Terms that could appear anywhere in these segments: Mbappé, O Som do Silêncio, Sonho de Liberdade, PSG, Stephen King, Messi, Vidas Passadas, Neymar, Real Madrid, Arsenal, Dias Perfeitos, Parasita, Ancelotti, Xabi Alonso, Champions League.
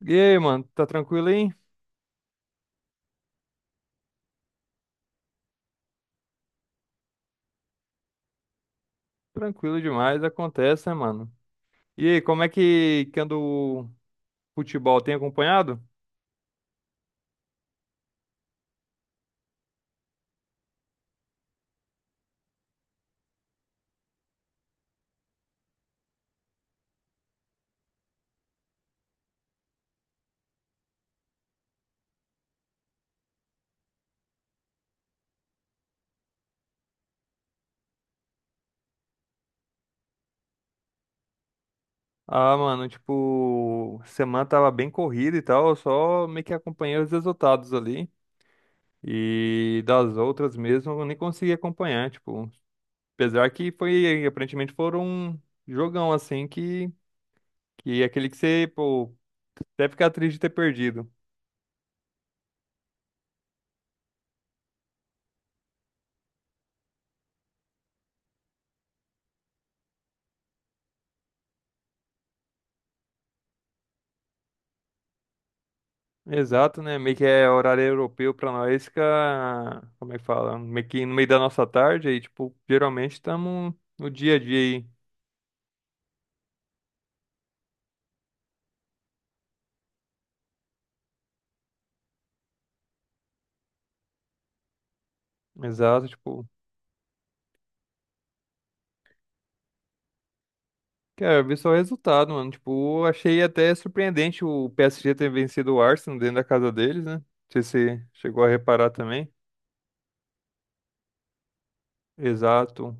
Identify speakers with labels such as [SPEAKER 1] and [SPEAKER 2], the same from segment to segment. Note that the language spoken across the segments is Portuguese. [SPEAKER 1] E aí, mano, tá tranquilo aí? Tranquilo demais, acontece, né, mano? E aí, como é que anda o futebol? Tem acompanhado? Ah, mano, tipo, semana tava bem corrida e tal, eu só meio que acompanhei os resultados ali. E das outras mesmo, eu nem consegui acompanhar, tipo, apesar que foi, aparentemente foram um jogão assim que é aquele que você, pô, até ficar triste de ter perdido. Exato, né? Meio que é horário europeu pra nós, fica, como é que fala? Meio que no meio da nossa tarde, aí, tipo, geralmente estamos no dia a dia aí. Exato, tipo, quero ver só o resultado, mano. Tipo, achei até surpreendente o PSG ter vencido o Arsenal dentro da casa deles, né? Não sei se você chegou a reparar também. Exato.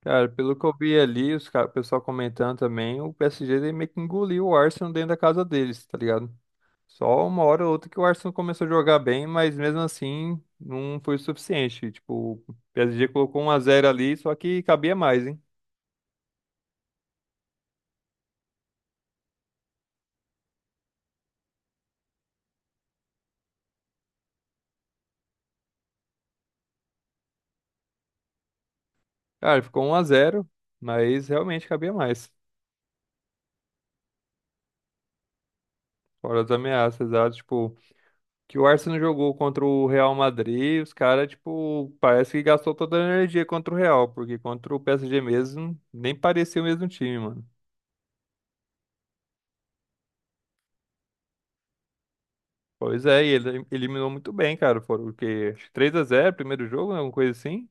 [SPEAKER 1] Cara, pelo que eu vi ali, os cara, o pessoal comentando também, o PSG meio que engoliu o Arsenal dentro da casa deles, tá ligado? Só uma hora ou outra que o Arsenal começou a jogar bem, mas mesmo assim não foi o suficiente. Tipo, o PSG colocou um a zero ali, só que cabia mais, hein? Cara, ficou um a zero mas realmente cabia mais. Fora as ameaças, tá? Tipo, que o Arsenal jogou contra o Real Madrid, os caras, tipo, parece que gastou toda a energia contra o Real, porque contra o PSG mesmo, nem parecia o mesmo time, mano. Pois é, e ele eliminou muito bem, cara. Foram o quê? Acho que três a zero primeiro jogo, né? Alguma coisa assim.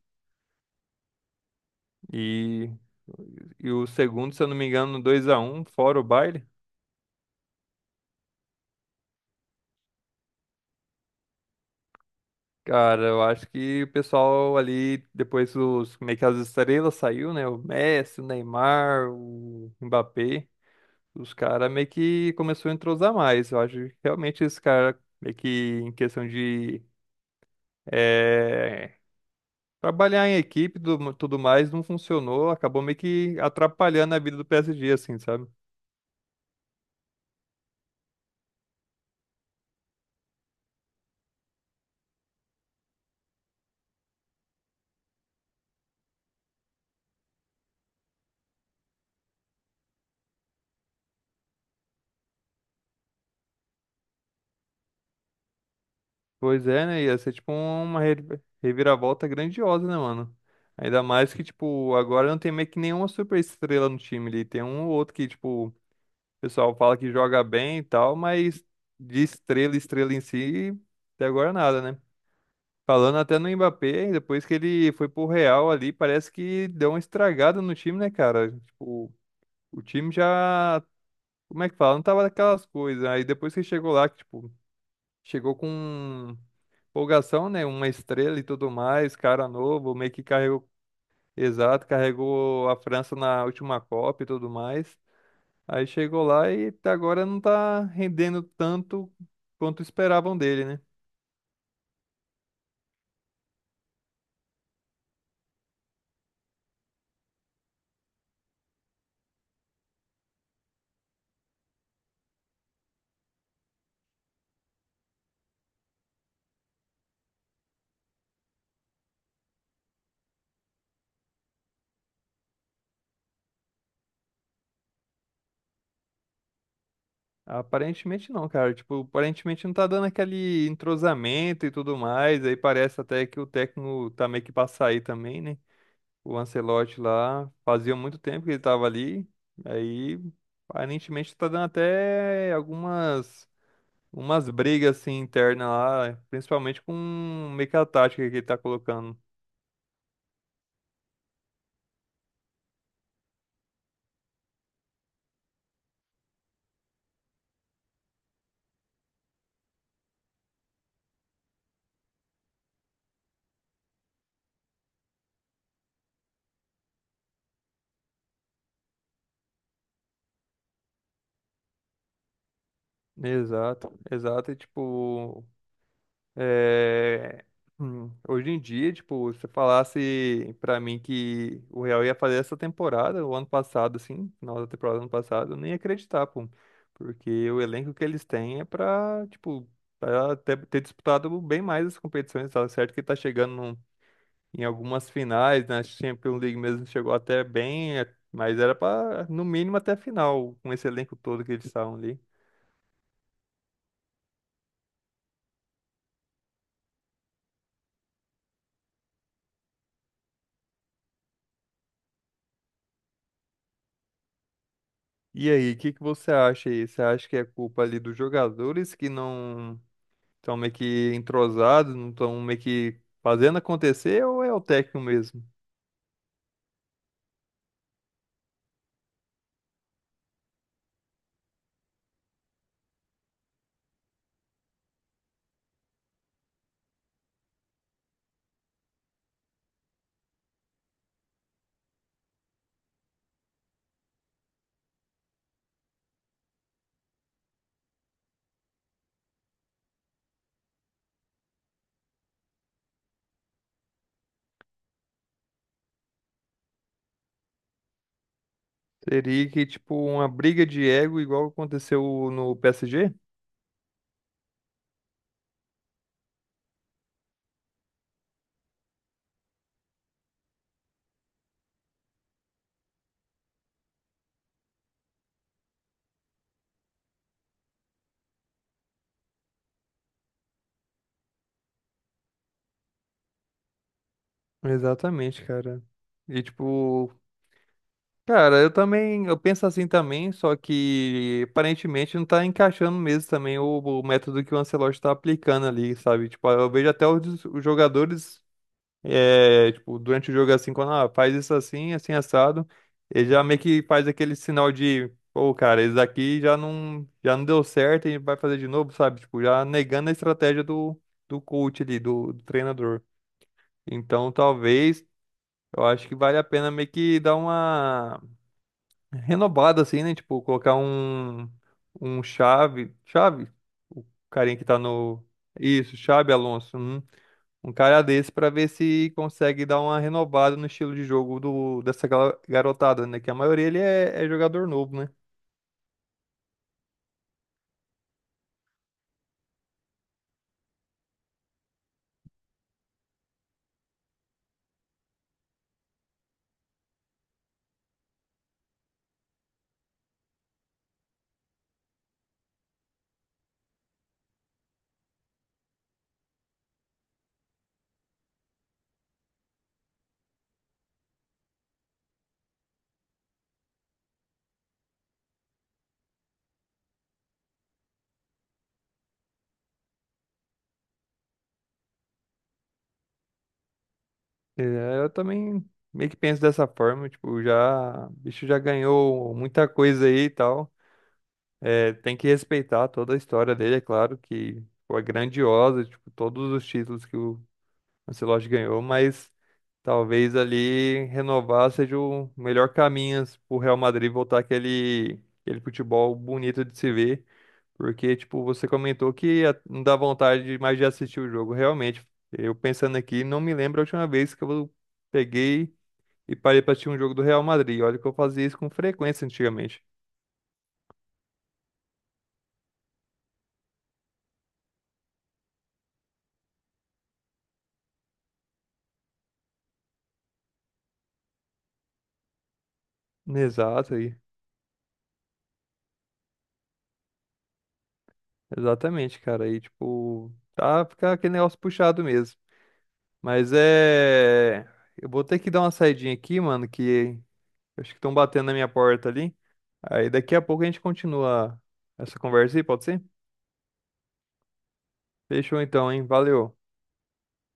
[SPEAKER 1] E, e o segundo, se eu não me engano, dois a um, fora o baile. Cara, eu acho que o pessoal ali, depois os, meio que as estrelas saiu, né? O Messi, o Neymar, o Mbappé. Os caras meio que começou a entrosar mais. Eu acho que realmente esse cara meio que em questão de eh, trabalhar em equipe e tudo mais não funcionou. Acabou meio que atrapalhando a vida do PSG, assim, sabe? Pois é, né? Ia ser tipo uma reviravolta grandiosa, né, mano? Ainda mais que, tipo, agora não tem meio que nenhuma super estrela no time ali. Tem um ou outro que, tipo, o pessoal fala que joga bem e tal, mas de estrela, estrela em si, até agora nada, né? Falando até no Mbappé, depois que ele foi pro Real ali, parece que deu uma estragada no time, né, cara? Tipo, o time já. Como é que fala? Não tava daquelas coisas. Aí depois que chegou lá, que, tipo, chegou com. Empolgação, né? Uma estrela e tudo mais, cara novo, meio que carregou, exato, carregou a França na última Copa e tudo mais. Aí chegou lá e até agora não tá rendendo tanto quanto esperavam dele, né? Aparentemente não, cara. Tipo, aparentemente não tá dando aquele entrosamento e tudo mais. Aí parece até que o técnico tá meio que pra sair também, né? O Ancelotti lá, fazia muito tempo que ele tava ali. Aí, aparentemente tá dando até algumas umas brigas assim internas lá, principalmente com meio que a tática que ele tá colocando. Exato, exato. E tipo, é, hoje em dia, tipo, se você falasse pra mim que o Real ia fazer essa temporada, o ano passado, assim, final da temporada do ano passado, eu nem ia acreditar, pô. Porque o elenco que eles têm é pra, tipo, pra ter disputado bem mais as competições, tá certo? Que tá chegando num em algumas finais, na Champions League mesmo chegou até bem, é, mas era para no mínimo até a final, com esse elenco todo que eles estavam ali. E aí, o que que você acha aí? Você acha que é culpa ali dos jogadores que não estão meio que entrosados, não estão meio que fazendo acontecer, ou é o técnico mesmo? Seria que, tipo, uma briga de ego igual aconteceu no PSG? Exatamente, cara. E, tipo, cara, eu também, eu penso assim também, só que aparentemente não tá encaixando mesmo também o método que o Ancelotti tá aplicando ali, sabe? Tipo, eu vejo até os jogadores, é, tipo, durante o jogo assim, quando faz isso assim, assim assado, ele já meio que faz aquele sinal de, pô, cara, isso daqui já não deu certo e vai fazer de novo, sabe? Tipo, já negando a estratégia do, do coach ali, do treinador. Então, talvez, eu acho que vale a pena meio que dar uma renovado, assim, né? Tipo, colocar um, um chave. Chave? O carinha que tá no. Isso, Xabi Alonso. Um cara desse pra ver se consegue dar uma renovada no estilo de jogo do, dessa garotada, né? Que a maioria ele é jogador novo, né? É, eu também meio que penso dessa forma, tipo, já, o bicho já ganhou muita coisa aí e tal. É, tem que respeitar toda a história dele, é claro que foi grandiosa, tipo, todos os títulos que o Ancelotti ganhou, mas talvez ali renovar seja o melhor caminho pro Real Madrid voltar aquele, aquele futebol bonito de se ver. Porque, tipo, você comentou que a- não dá vontade de- mais de assistir o jogo. Realmente, eu pensando aqui, não me lembro a última vez que eu peguei e parei pra assistir um jogo do Real Madrid. Olha que eu fazia isso com frequência antigamente. Exato aí. Exatamente, cara. Aí, tipo, tá ficar aquele negócio puxado mesmo. Mas é. Eu vou ter que dar uma saidinha aqui, mano, que acho que estão batendo na minha porta ali. Aí daqui a pouco a gente continua essa conversa aí, pode ser? Fechou então, hein? Valeu.